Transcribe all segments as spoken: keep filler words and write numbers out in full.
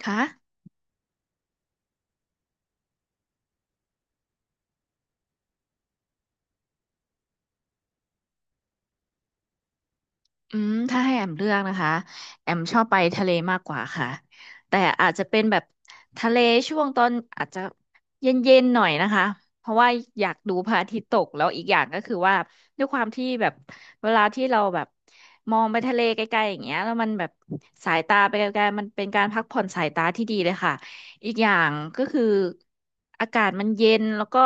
คะ อืมถ้าให้แอมเลือกนะคะแอมชอบไปทะเลมากกว่าค่ะแต่อาจจะเป็นแบบทะเลช่วงตอนอาจจะเย็นๆหน่อยนะคะเพราะว่าอยากดูพระอาทิตย์ตกแล้วอีกอย่างก็คือว่าด้วยความที่แบบเวลาที่เราแบบมองไปทะเลไกลๆอย่างเงี้ยแล้วมันแบบสายตาไปไกลๆมันเป็นการพักผ่อนสายตาที่ดีเลยค่ะอีกอย่างก็คืออากาศมันเย็นแล้วก็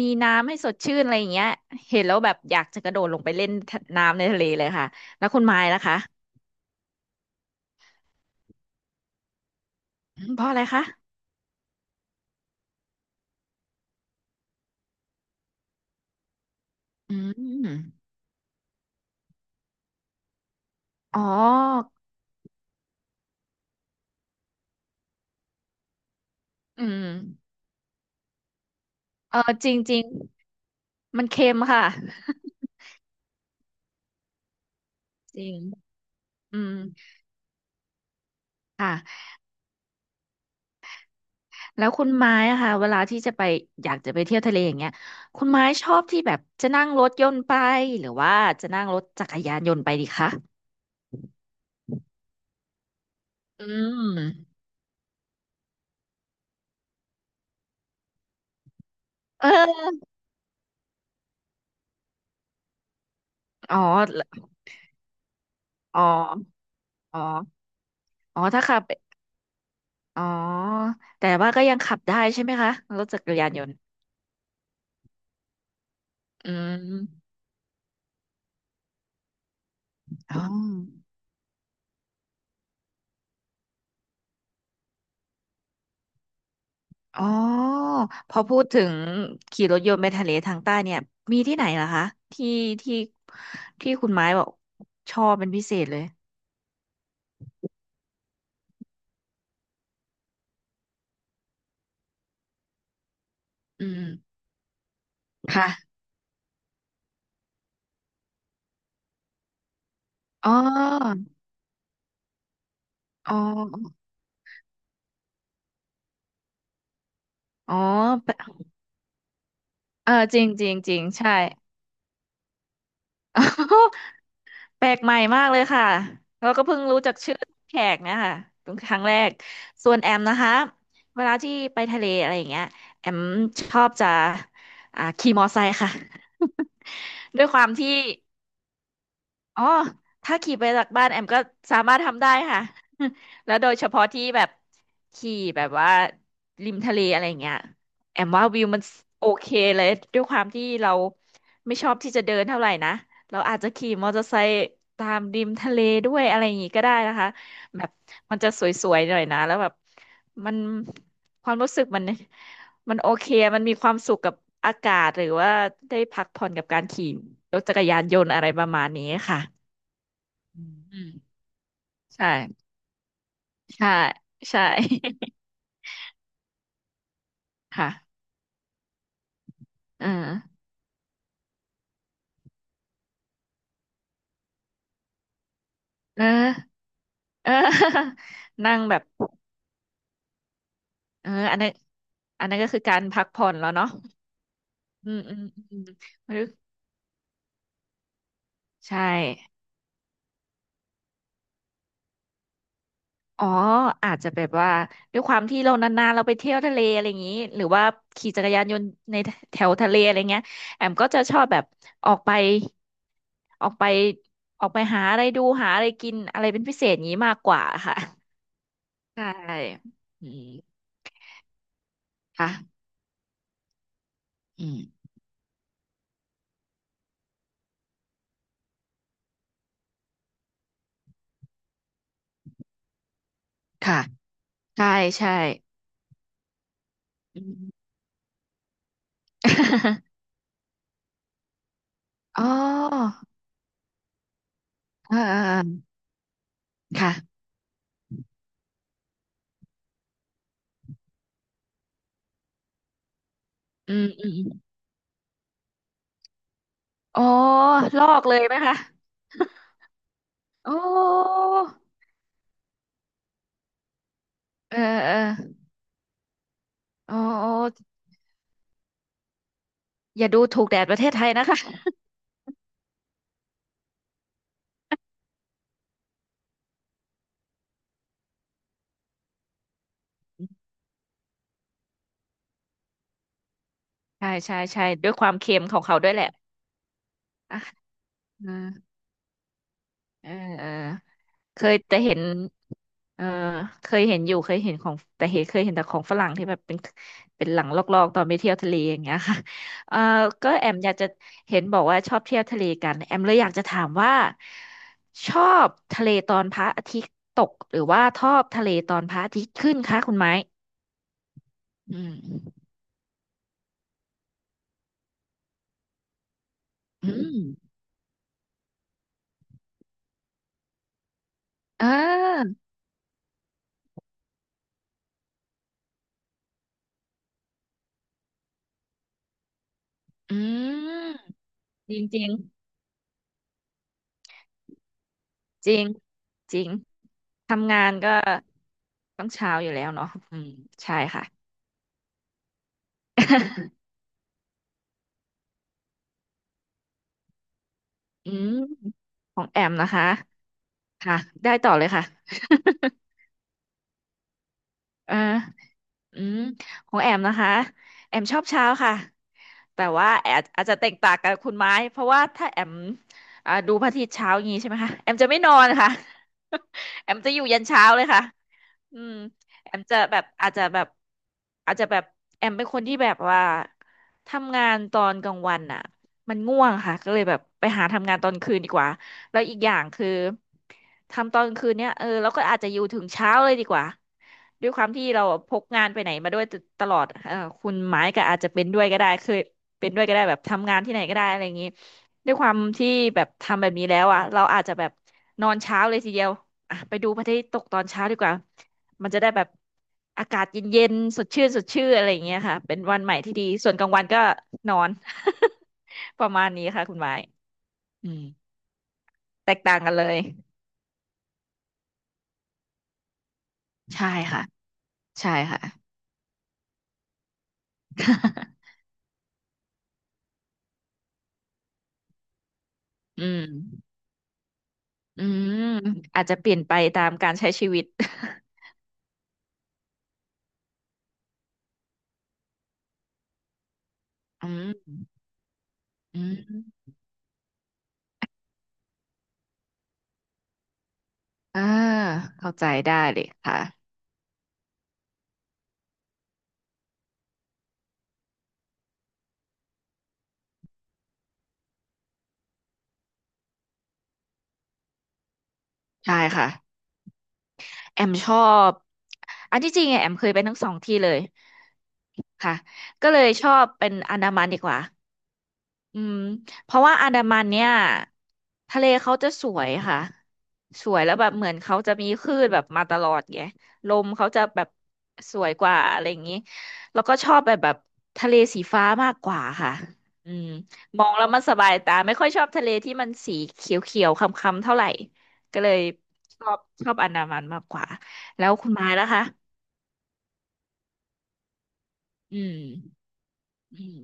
มีน้ำให้สดชื่นอะไรอย่างเงี้ยเห็นแล้วแบบอยากจะกระโดดลงไปเล่นน้ำในทะเลเลยค่ะ แล้วคุณไม้ล่ะคะอืมเพราะอะไรคะอืมอ๋ออืมเออจริงจริงมันเค็มค่ะจริงอืมค่ะแล้วคุณไม้อะค่ะเวลาที่จะไปอยากจะไปเที่ยวทะเลอย่างเงี้ยคุณไม้ชอบที่แบบจะนั่งรถยนต์ไปหรือว่าจะนั่งรถจักรยานยนต์ไปดีคะอืมเอออ๋ออ๋ออ๋ออ๋อถ้าขับอ๋อแต่ว่าก็ยังขับได้ใช่ไหมคะรถจักรยานยนต์อืมอ๋อ อ๋อ พอพูดถึงขี่รถยนต์ไปทะเลทางใต้เนี่ย มีที่ไหนเหรอคะที่ที่ที่คุณไม้บอกชอบเป็นพิเศษเลย อืม ค่ะ อ๋อ อ๋อ อ๋อแปลเออจริงจริงจริงใช่ แปลกใหม่มากเลยค่ะ เราก็เพิ่งรู้จักชื่อแขกเนี่ยค่ะเป็นครั้งแรก ส่วนแอมนะคะ เวลาที่ไปทะเลอะไรอย่างเงี้ยแอมชอบจะอ่าขี่มอไซค์ค่ะ ด้วยความที่ อ๋อถ้าขี่ไปจากบ้านแอมก็สามารถทำได้ค่ะ แล้วโดยเฉพาะที่แบบขี่แบบว่าริมทะเลอะไรอย่างเงี้ยแอมว่าวิวมันโอเคเลยด้วยความที่เราไม่ชอบที่จะเดินเท่าไหร่นะ เราอาจจะขี่มอเตอร์ไซค์ตามริมทะเลด้วยอะไรอย่างงี้ก็ได้นะคะแบบมันจะสวยๆหน่อยนะแล้วแบบมันความรู้สึกมัน มันโอเค มันมีความสุขกับอากาศหรือว่าได้พักผ่อนกับการขี่รถจักรยานยนต์อะไรประมาณนี้ค่ะอืมอืมใช่ ใช่ ใช่ ค่ะเออเออเออ นั่งแบบเอออันนั้นอันนั้นก็คือการพักผ่อนแล้วเนาะอืมอืมอืมใช่ อ๋ออาจจะแบบว่าด้วยความที่เรานานๆเราไปเที่ยวทะเลอะไรอย่างนี้หรือว่าขี่จักรยานยนต์ในแถวทะเลอะไรเงี้ยแอมก็จะชอบแบบออกไปออกไปออกไปหาอะไรดูหาอะไรกินอะไรเป็นพิเศษอย่างนี้มากกว่าค่ะใช่อืมค่ะอืมค่ะใช่ใช่อืม อ๋ออ่าอ่าอ่าค่ะอืมอืมอืมอ๋อลอกเลยไหมคะ โอ้เออเออ อ๋ออออย่าดูถูกแดดประเทศไทยนะคะใช่ใช่ใช่ด้วยความเค็มของเขาด้วยแหละอ่ะเออเออเออเคยแต่เห็นเออเคยเห็นอยู่เคยเห็นของแต่เห็นเคยเห็นแต่ของฝรั่งที่แบบเป็นเป็นหลังลอกๆตอนไปเที่ยวทะเลอย่างเงี้ย ค่ะเออก็แอมอยากจะเห็นบอกว่าชอบเที่ยวทะเลกันแอมเลยอยากจะถามว่าชอบทะเลตอนพระอาทิตย์ตกหรือว่าชอบทะเลตอนพระอาทิตย์ขึ้นคะคุณไม้อืมอืมอ่า อืมจริงจริงจริงจริงทำงานก็ต้องเช้าอยู่แล้วเนาะอืมใช่ค่ะ อืมของแอมนะคะค่ะได้ต่อเลยค่ะ เออ อืมของแอมนะคะแอมชอบเช้าค่ะแต่ว่าแอมอาจจะแตกต่างกับคุณไม้เพราะว่าถ้าแอมอ่าดูพระอาทิตย์เช้าอย่างนี้ใช่ไหมคะแอมจะไม่นอนค่ะ แอมจะอยู่ยันเช้าเลยค่ะอืมแอมจะแบบอาจจะแบบอาจจะแบบแอมเป็นคนที่แบบว่าทำงานตอนกลางวันอ่ะมันง่วงค่ะก็เลยแบบไปหาทำงานตอนคืนดีกว่า แล้วอีกอย่างคือทำตอนกลางคืนเนี่ยเออเราก็อาจจะอยู่ถึงเช้าเลยดีกว่า ด้วยความที่เราพกงานไปไหนมาด้วยตตลอดเออคุณไม้ก็อาจจะเป็นด้วยก็ได้เคยเป็นด้วยก็ได้แบบทำงานที่ไหนก็ได้อะไรอย่างนี้ด้วยความที่แบบทำแบบนี้แล้วอ่ะเราอาจจะแบบนอนเช้าเลยทีเดียวอ่ะไปดูพระอาทิตย์ตกตอนเช้าดีกว่ามันจะได้แบบอากาศเย็นๆสดชื่นสดชื่นอะไรอย่างเงี้ยค่ะเป็นวันใหม่ที่ดีส่วนกลางวันก็นอน ประมาณนี้ค่ะคุณไม้อืมแตกต่างกันเลย ใช่ค่ะใช่ค่ะ อืมอืมอาจจะเปลี่ยนไปตามการใช้ชีวิต อืมอืมอ่าเข้าใจได้เลยค่ะใช่ค่ะแอมชอบอันที่จริงอะแอมเคยไปทั้งสองที่เลยค่ะก็เลยชอบเป็นอันดามันดีกว่า อืมเพราะว่าอันดามันเนี่ยทะเลเขาจะสวยค่ะสวยแล้วแบบเหมือนเขาจะมีคลื่นแบบมาตลอดไงลมเขาจะแบบสวยกว่าอะไรอย่างนี้แล้วก็ชอบแบบแบบทะเลสีฟ้ามากกว่าค่ะอืมมองแล้วมันสบายตาไม่ค่อยชอบทะเลที่มันสีเขียวๆคล้ำๆเท่าไหร่ก็เลยชอบชอบอันดามันมากกว่าแล้วคุณไม้ล่ะคะอืมอืม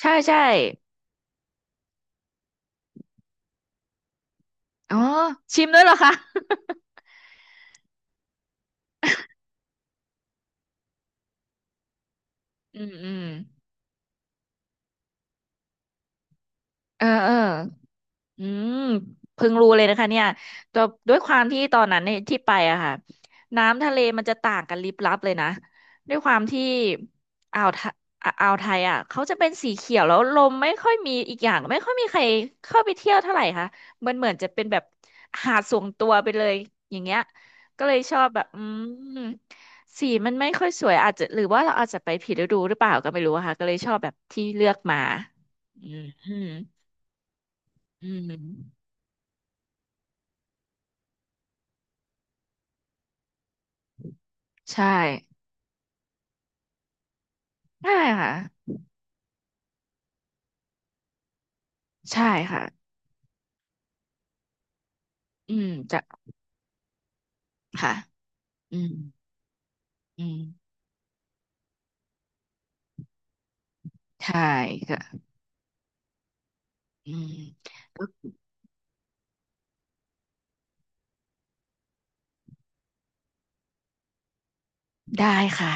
ใช่ใช่อ๋อชิมด้วยเหรอคะ อืมอืม เออเอออืมเพิ่งรู้เลยนะคะเนี่ยแต่ด้วยความที่ตอนนั้นเนี่ยที่ไปอะค่ะน้ำทะเลมันจะต่างกันลิบลับเลยนะด้วยความที่อ่าวไทอ่ะอ่าวไทยอะเขาจะเป็นสีเขียวแล้วลมไม่ค่อยมีอีกอย่างไม่ค่อยมีใครเข้าไปเที่ยวเท่าไหร่ค่ะมันเหมือนจะเป็นแบบหาดส่วนตัวไปเลยอย่างเงี้ยก็เลยชอบแบบอืมสีมันไม่ค่อยสวยอาจจะหรือว่าเราอาจจะไปผิดฤดูหรือเปล่าก็ไม่รู้อะค่ะก็เลยชอบแบบที่เลือกมาอืม อืมใช่ใช่ค่ะใช่ค่ะอืมจะค่ะอืมอืมใช่ค่ะอืมได้ค่ะ